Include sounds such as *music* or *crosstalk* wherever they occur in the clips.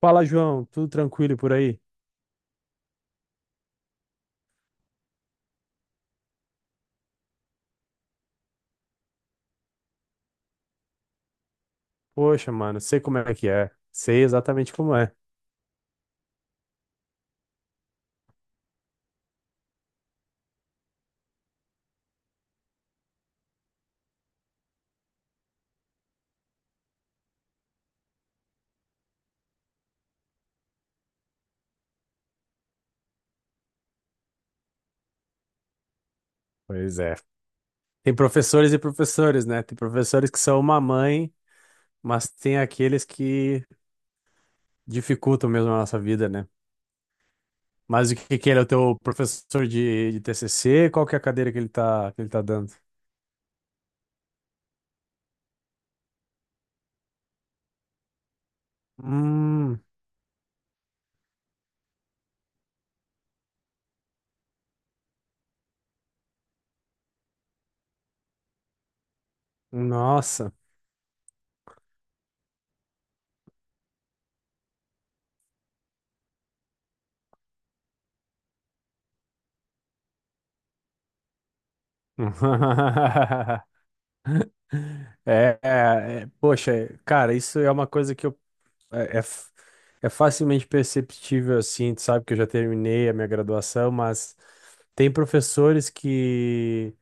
Fala, João, tudo tranquilo por aí? Poxa, mano, sei como é que é. Sei exatamente como é. Pois é. Tem professores e professores, né? Tem professores que são uma mãe, mas tem aqueles que dificultam mesmo a nossa vida, né? Mas o que que ele é o teu professor de TCC? Qual que é a cadeira que ele tá, dando? Hum, nossa. *laughs* Poxa, cara, isso é uma coisa que eu É, é, f- é facilmente perceptível, assim. Tu sabe que eu já terminei a minha graduação, mas tem professores que.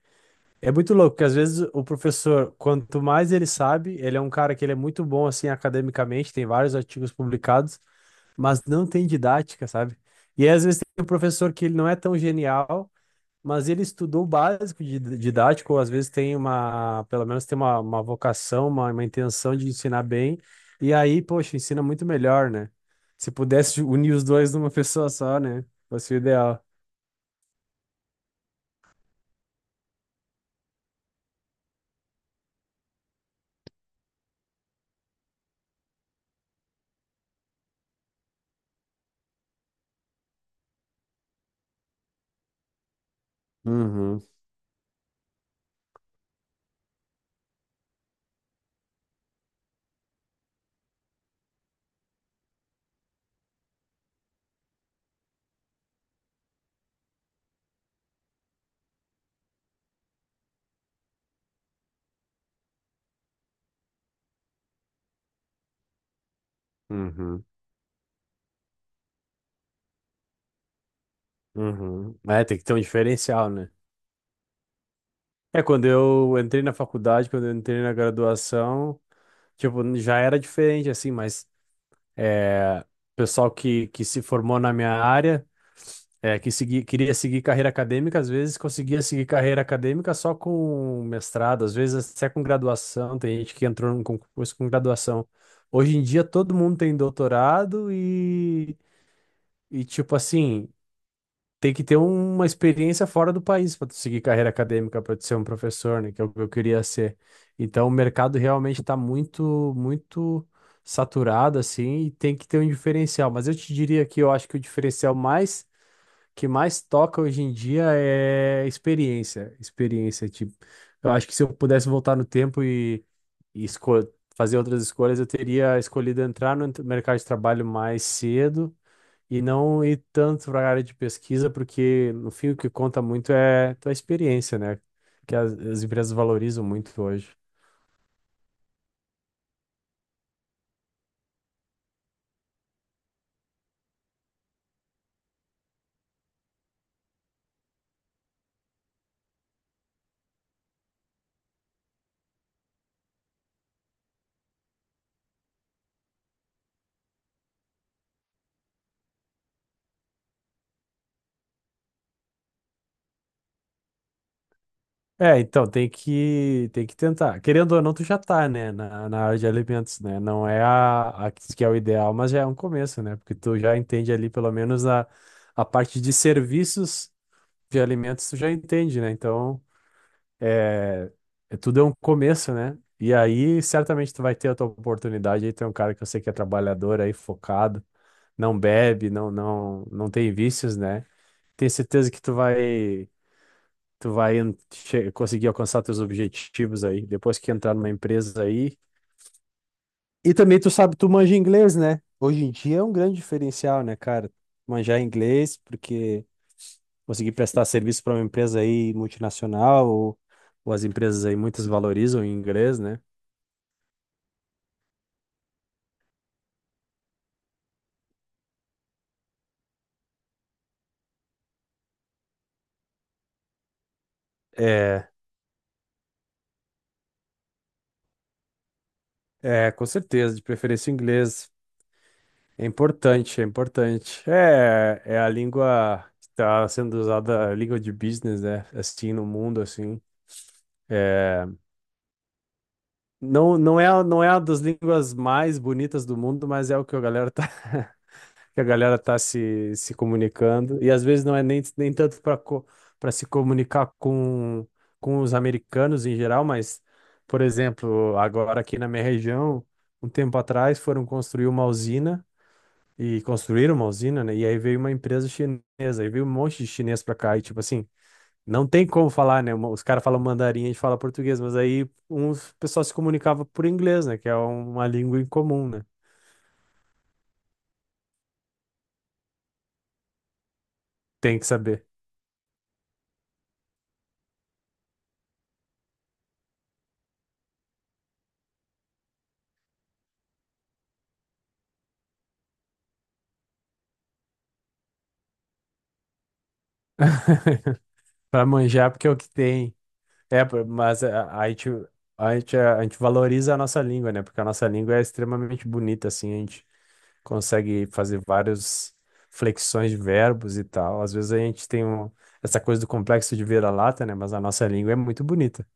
É muito louco, porque às vezes o professor, quanto mais ele sabe, ele é um cara que ele é muito bom assim academicamente, tem vários artigos publicados, mas não tem didática, sabe? E aí, às vezes tem um professor que ele não é tão genial, mas ele estudou o básico de didático, ou às vezes tem uma, pelo menos tem uma vocação, uma intenção de ensinar bem, e aí, poxa, ensina muito melhor, né? Se pudesse unir os dois numa pessoa só, né? Fosse o ideal. Uhum, uhum, uhum. É, tem que ter um diferencial, né? É, quando eu entrei na faculdade, quando eu entrei na graduação, tipo, já era diferente, assim, mas é, pessoal que se formou na minha área, é, que segui, queria seguir carreira acadêmica, às vezes conseguia seguir carreira acadêmica só com mestrado, às vezes até com graduação. Tem gente que entrou num concurso com graduação. Hoje em dia todo mundo tem doutorado e tipo assim, tem que ter uma experiência fora do país para tu seguir carreira acadêmica, para tu ser um professor, né, que é o que eu queria ser. Então, o mercado realmente está muito, muito saturado, assim, e tem que ter um diferencial. Mas eu te diria que eu acho que o diferencial mais que mais toca hoje em dia é experiência, experiência, tipo, eu acho que se eu pudesse voltar no tempo e, e esco- fazer outras escolhas, eu teria escolhido entrar no mercado de trabalho mais cedo e não ir tanto para a área de pesquisa, porque no fim o que conta muito é tua experiência, né? Que as empresas valorizam muito hoje. É, então tem que tentar. Querendo ou não, tu já tá, né, na área de alimentos, né? Não é a que é o ideal, mas já é um começo, né? Porque tu já entende ali pelo menos a parte de serviços de alimentos, tu já entende, né? Então é, tudo é um começo, né? E aí, certamente tu vai ter a tua oportunidade. Aí tem um cara que eu sei que é trabalhador aí, focado, não bebe, não, não, não tem vícios, né? Tenho certeza que tu vai conseguir alcançar teus objetivos aí, depois que entrar numa empresa aí. E também tu sabe, tu manja inglês, né? Hoje em dia é um grande diferencial, né, cara? Manjar inglês, porque conseguir prestar serviço para uma empresa aí multinacional ou as empresas aí muitas valorizam o inglês, né? É, é, com certeza, de preferência o inglês. É importante, é importante. É, é a língua que está sendo usada, a língua de business, né? Assim, no mundo, assim. É, não, não é, não é a das línguas mais bonitas do mundo, mas é o que a galera tá. *laughs* Que a galera tá se comunicando. E às vezes não é nem tanto para se comunicar com os americanos em geral, mas, por exemplo, agora aqui na minha região, um tempo atrás foram construir uma usina e construíram uma usina, né? E aí veio uma empresa chinesa, aí veio um monte de chinês pra cá e tipo assim, não tem como falar, né? Os caras falam mandarim, a gente fala português, mas aí uns pessoal se comunicava por inglês, né? Que é uma língua em comum, né? Tem que saber. Pra manjar, porque é o que tem. É, pô, mas a gente valoriza a nossa língua, né? Porque a nossa língua é extremamente bonita, assim. A gente consegue fazer várias flexões de verbos e tal. Às vezes a gente tem essa coisa do complexo de vira-lata, né? Mas a nossa língua é muito bonita.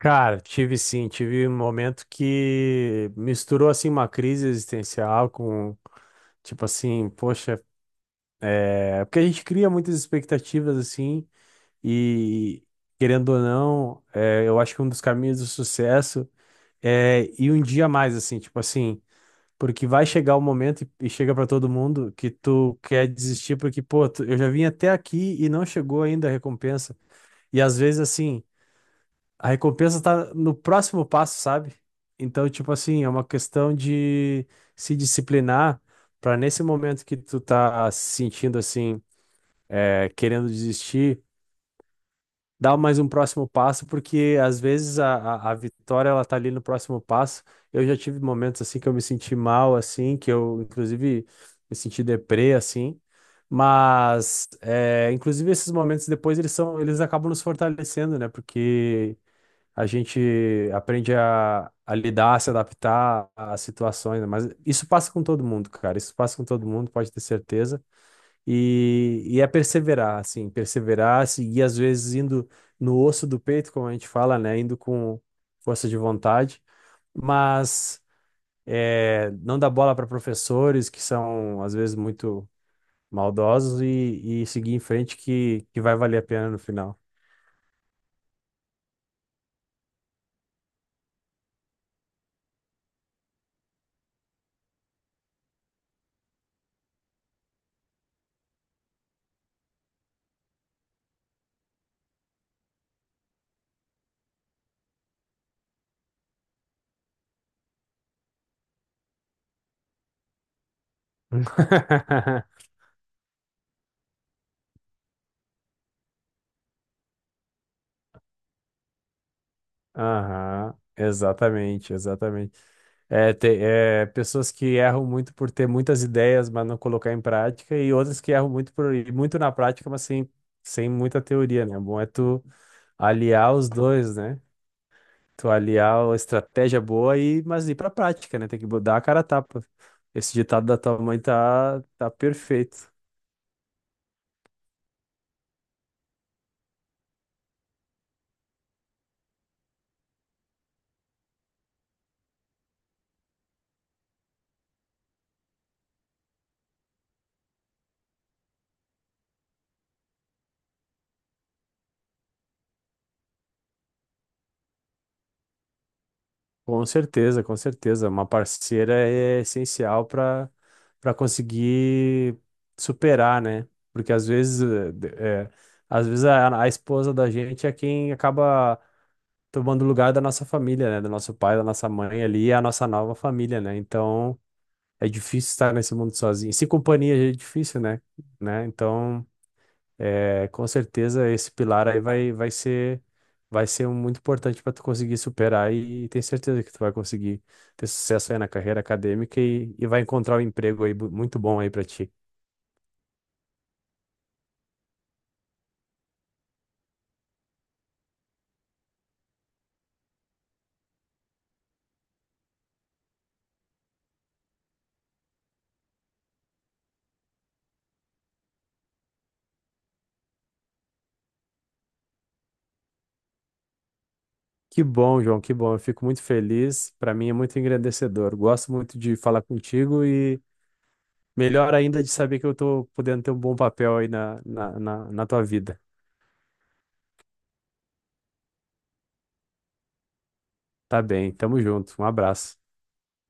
Cara, tive sim, tive um momento que misturou, assim, uma crise existencial com, tipo assim, poxa, é... porque a gente cria muitas expectativas, assim, e, querendo ou não, é, eu acho que um dos caminhos do sucesso é ir um dia a mais, assim, tipo assim, porque vai chegar o momento e chega pra todo mundo que tu quer desistir, porque, pô, eu já vim até aqui e não chegou ainda a recompensa. E às vezes, assim, a recompensa tá no próximo passo, sabe? Então, tipo assim, é uma questão de se disciplinar pra nesse momento que tu tá se sentindo assim, é, querendo desistir, dar mais um próximo passo, porque às vezes a vitória ela tá ali no próximo passo. Eu já tive momentos assim que eu me senti mal, assim, que eu inclusive me senti deprê, assim. Mas, é, inclusive esses momentos depois eles são, eles acabam nos fortalecendo, né? Porque a gente aprende a lidar, a se adaptar às situações, né? Mas isso passa com todo mundo, cara. Isso passa com todo mundo, pode ter certeza. E é perseverar, assim, perseverar, seguir, às vezes indo no osso do peito, como a gente fala, né? Indo com força de vontade, mas é, não dar bola para professores que são, às vezes, muito maldosos e seguir em frente que vai valer a pena no final. *laughs* Aham, exatamente, exatamente. É, tem, é, pessoas que erram muito por ter muitas ideias, mas não colocar em prática, e outras que erram muito por ir muito na prática, mas sem, sem muita teoria, né? É. Bom é tu aliar os dois, né? Tu aliar a estratégia boa e mas ir pra prática, né? Tem que dar a cara a tapa. Esse ditado da tua mãe tá, tá perfeito. Com certeza, com certeza. Uma parceira é essencial para para conseguir superar, né? Porque às vezes, às vezes a esposa da gente é quem acaba tomando o lugar da nossa família, né? Do nosso pai, da nossa mãe ali, é a nossa nova família, né? Então é difícil estar nesse mundo sozinho. Sem companhia já é difícil, né? Né? Então. É, com certeza esse pilar aí vai ser vai ser um muito importante para tu conseguir superar e, tenho certeza que tu vai conseguir ter sucesso aí na carreira acadêmica e vai encontrar um emprego aí muito bom aí para ti. Que bom, João, que bom. Eu fico muito feliz. Para mim é muito engrandecedor. Gosto muito de falar contigo e melhor ainda de saber que eu tô podendo ter um bom papel aí na tua vida. Tá bem, tamo junto. Um abraço.